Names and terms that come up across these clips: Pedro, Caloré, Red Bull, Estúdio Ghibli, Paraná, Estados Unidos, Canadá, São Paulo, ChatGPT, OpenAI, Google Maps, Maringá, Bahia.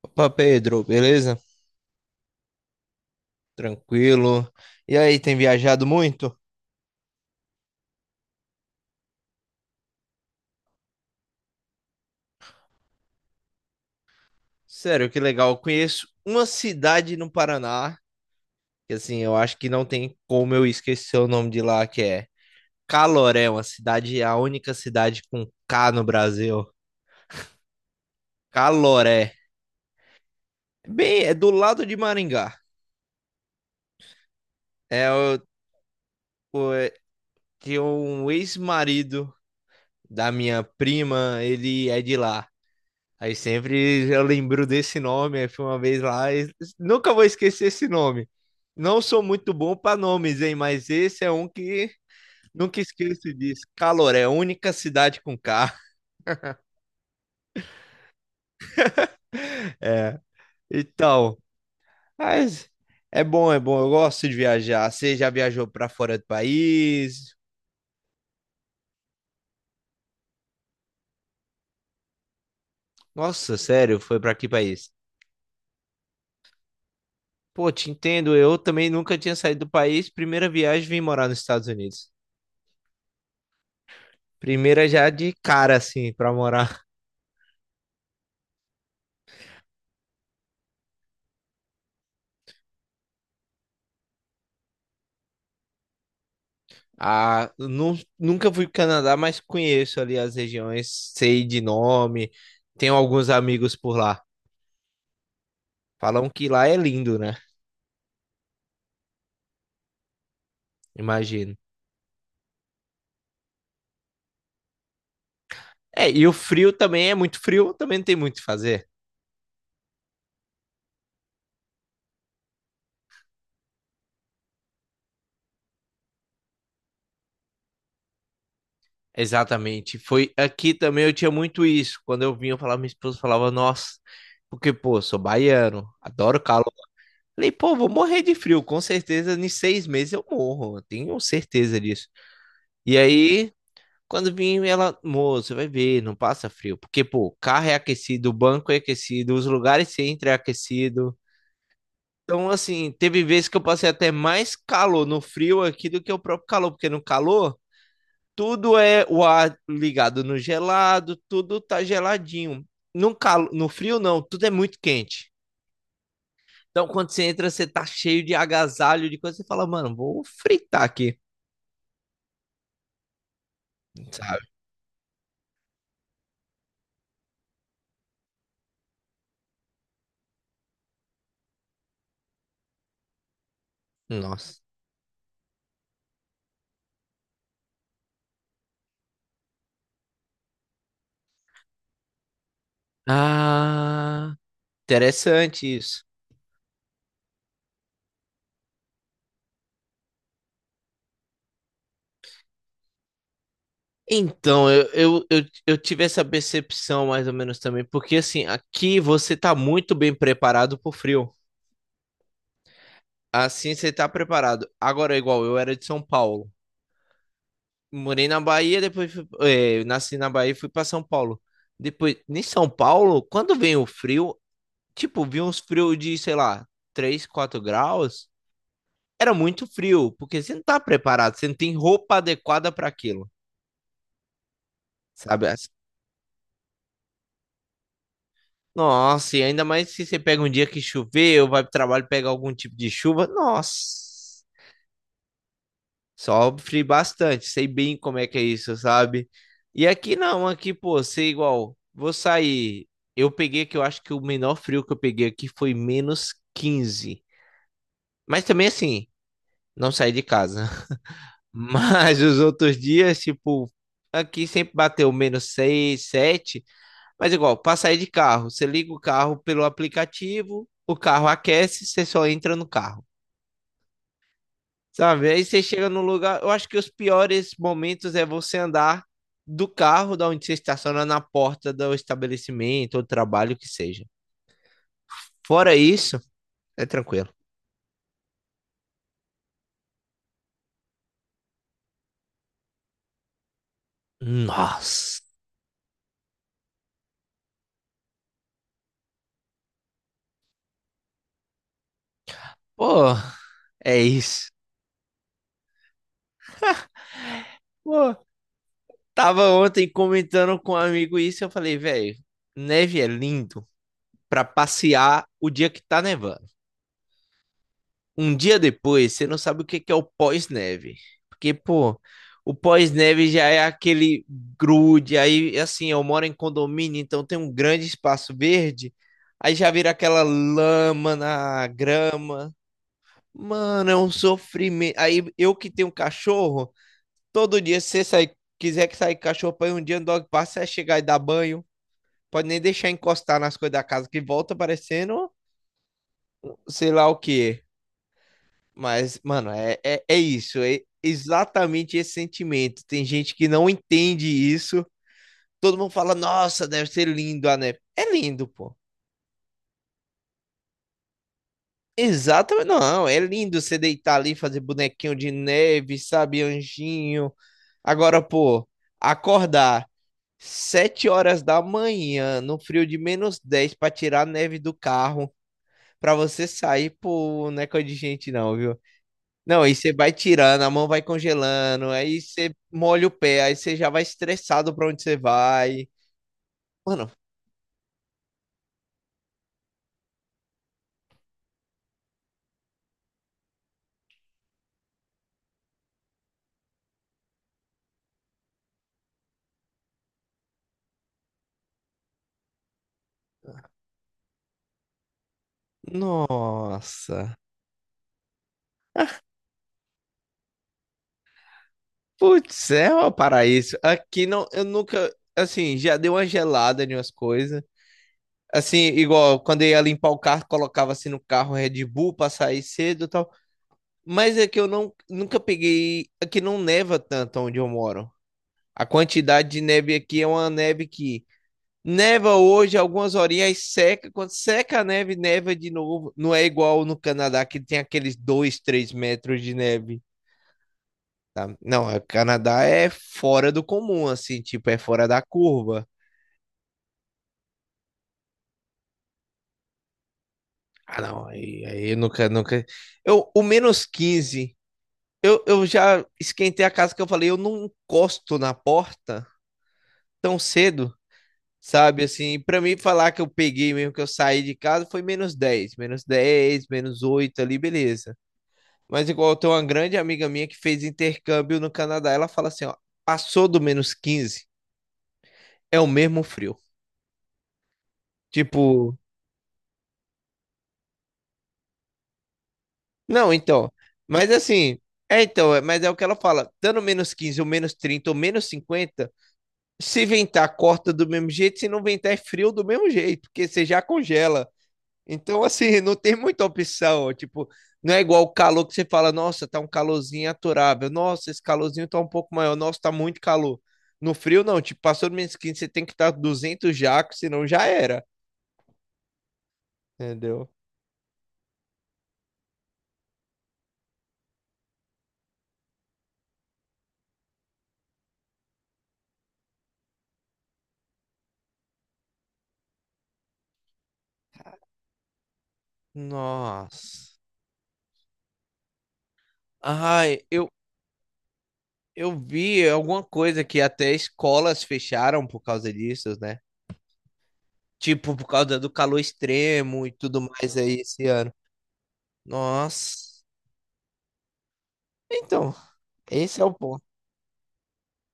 Opa, Pedro, beleza? Tranquilo. E aí, tem viajado muito? Sério, que legal. Eu conheço uma cidade no Paraná, que assim, eu acho que não tem como eu esquecer o nome de lá, que é Caloré, uma cidade, a única cidade com K no Brasil. Caloré. Bem, é do lado de Maringá. É, eu tinha um ex-marido da minha prima, ele é de lá. Aí sempre eu lembro desse nome, aí fui uma vez lá e nunca vou esquecer esse nome. Não sou muito bom para nomes, hein, mas esse é um que nunca esqueço disso. Caloré, única cidade com K. É. Então, mas é bom, é bom. Eu gosto de viajar. Você já viajou para fora do país? Nossa, sério, foi para que país? Pô, te entendo. Eu também nunca tinha saído do país. Primeira viagem, vim morar nos Estados Unidos. Primeira já de cara, assim, para morar. Ah, nunca fui pro Canadá, mas conheço ali as regiões, sei de nome, tenho alguns amigos por lá. Falam que lá é lindo, né? Imagino. É, e o frio também é muito frio, também não tem muito o que fazer. Exatamente. Foi aqui também eu tinha muito isso. Quando eu vinha eu falava, minha esposa falava, nossa, porque, pô, sou baiano, adoro calor. Falei, pô, vou morrer de frio, com certeza, em 6 meses eu morro, eu tenho certeza disso. E aí. Quando vim, ela, moço, vai ver, não passa frio. Porque, pô, o carro é aquecido, o banco é aquecido, os lugares que você entra é aquecido. Então, assim, teve vezes que eu passei até mais calor no frio aqui do que o próprio calor, porque no calor, tudo é o ar ligado no gelado, tudo tá geladinho. No calo, no frio, não, tudo é muito quente. Então, quando você entra, você tá cheio de agasalho, de coisa, você fala, mano, vou fritar aqui, sabe? Nossa. Ah, interessante isso. Então, eu tive essa percepção mais ou menos também, porque assim, aqui você tá muito bem preparado pro frio. Assim você tá preparado. Agora, igual eu era de São Paulo. Morei na Bahia, depois nasci na Bahia e fui pra São Paulo. Depois, em São Paulo, quando vem o frio, tipo, vi uns frios de, sei lá, 3 4 graus. Era muito frio, porque você não tá preparado, você não tem roupa adequada para aquilo, sabe? Nossa, e ainda mais se você pega um dia que choveu, vai pro trabalho pegar algum tipo de chuva. Nossa, sofre bastante. Sei bem como é que é isso, sabe? E aqui não, aqui, pô, sei igual. Vou sair. Eu peguei que eu acho que o menor frio que eu peguei aqui foi -15. Mas também assim, não saí de casa. Mas os outros dias, tipo, aqui sempre bateu -6 7. Mas igual, para sair de carro, você liga o carro pelo aplicativo, o carro aquece, você só entra no carro. Sabe? Aí você chega no lugar. Eu acho que os piores momentos é você andar do carro da onde você estaciona na porta do estabelecimento ou trabalho que seja. Fora isso, é tranquilo. Nossa. Pô, é isso. Pô, tava ontem comentando com um amigo isso, eu falei, velho, neve é lindo para passear o dia que tá nevando. Um dia depois, você não sabe o que que é o pós-neve. Porque, pô, o pós-neve já é aquele grude. Aí, assim, eu moro em condomínio, então tem um grande espaço verde. Aí já vira aquela lama na grama. Mano, é um sofrimento. Aí eu que tenho cachorro, todo dia se você sair, quiser que sair com cachorro pra ir um dia no dog park, você vai chegar e dar banho. Pode nem deixar encostar nas coisas da casa, que volta parecendo sei lá o quê. Mas, mano, é isso, é exatamente esse sentimento. Tem gente que não entende isso. Todo mundo fala, nossa, deve ser lindo a neve. É lindo, pô. Exatamente, não, é lindo você deitar ali, fazer bonequinho de neve, sabe, anjinho. Agora, pô, acordar 7 horas da manhã, no frio de -10 pra tirar a neve do carro, pra você sair, pô, não é coisa de gente não, viu? Não, aí você vai tirando, a mão vai congelando, aí você molha o pé, aí você já vai estressado pra onde você vai. Mano, nossa. Putz, é um paraíso. Aqui não, eu nunca, assim, já deu uma gelada em umas coisas. Assim, igual quando eu ia limpar o carro, colocava assim no carro Red Bull pra sair cedo e tal. Mas é que eu não, nunca peguei. Aqui não neva tanto onde eu moro. A quantidade de neve aqui é uma neve que neva hoje, algumas horinhas seca. Quando seca a neve, neva de novo. Não é igual no Canadá, que tem aqueles 2, 3 metros de neve. Tá? Não, o Canadá é fora do comum, assim, tipo, é fora da curva. Ah, não, aí, aí eu nunca, nunca. Eu, o -15, eu já esquentei a casa que eu falei, eu não encosto na porta tão cedo, sabe? Assim, pra mim falar que eu peguei mesmo, que eu saí de casa, foi -10, -10, -8 ali, beleza. Mas igual eu tenho uma grande amiga minha que fez intercâmbio no Canadá, ela fala assim, ó, passou do menos 15, é o mesmo frio. Tipo, não, então, mas assim, é então, mas é o que ela fala, dando menos 15, ou menos 30, ou menos 50, se ventar, corta do mesmo jeito, se não ventar, é frio do mesmo jeito, porque você já congela. Então, assim, não tem muita opção. Tipo, não é igual o calor que você fala, nossa, tá um calorzinho aturável. Nossa, esse calorzinho tá um pouco maior. Nossa, tá muito calor. No frio, não. Tipo, passou do -15 você tem que estar 200 jacos, senão já era. Entendeu? Nossa. Ai, eu vi alguma coisa que até escolas fecharam por causa disso, né? Tipo, por causa do calor extremo e tudo mais aí esse ano. Nossa. Então, esse é o ponto.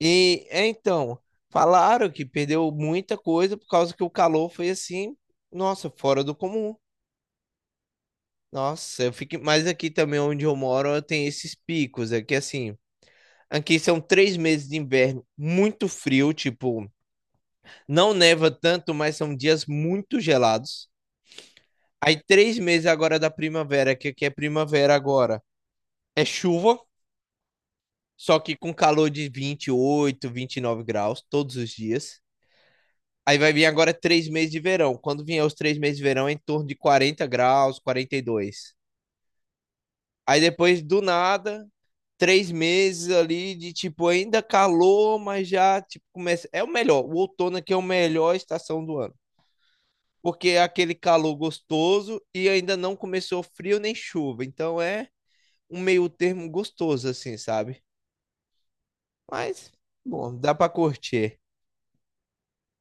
E é, então, falaram que perdeu muita coisa por causa que o calor foi assim, nossa, fora do comum. Nossa, eu fiquei, mas aqui também onde eu moro, eu tenho esses picos. Aqui assim, aqui são 3 meses de inverno muito frio, tipo, não neva tanto, mas são dias muito gelados. Aí 3 meses agora da primavera, que aqui é primavera agora, é chuva, só que com calor de 28, 29 graus todos os dias. Aí vai vir agora 3 meses de verão. Quando vier os 3 meses de verão, é em torno de 40 graus, 42. Aí depois, do nada, 3 meses ali de tipo, ainda calor, mas já tipo, começa. É o melhor. O outono aqui é a melhor estação do ano. Porque é aquele calor gostoso e ainda não começou frio nem chuva. Então é um meio termo gostoso, assim, sabe? Mas, bom, dá pra curtir.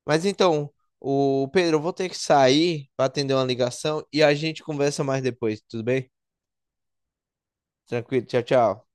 Mas então, o Pedro, eu vou ter que sair para atender uma ligação e a gente conversa mais depois, tudo bem? Tranquilo, tchau, tchau.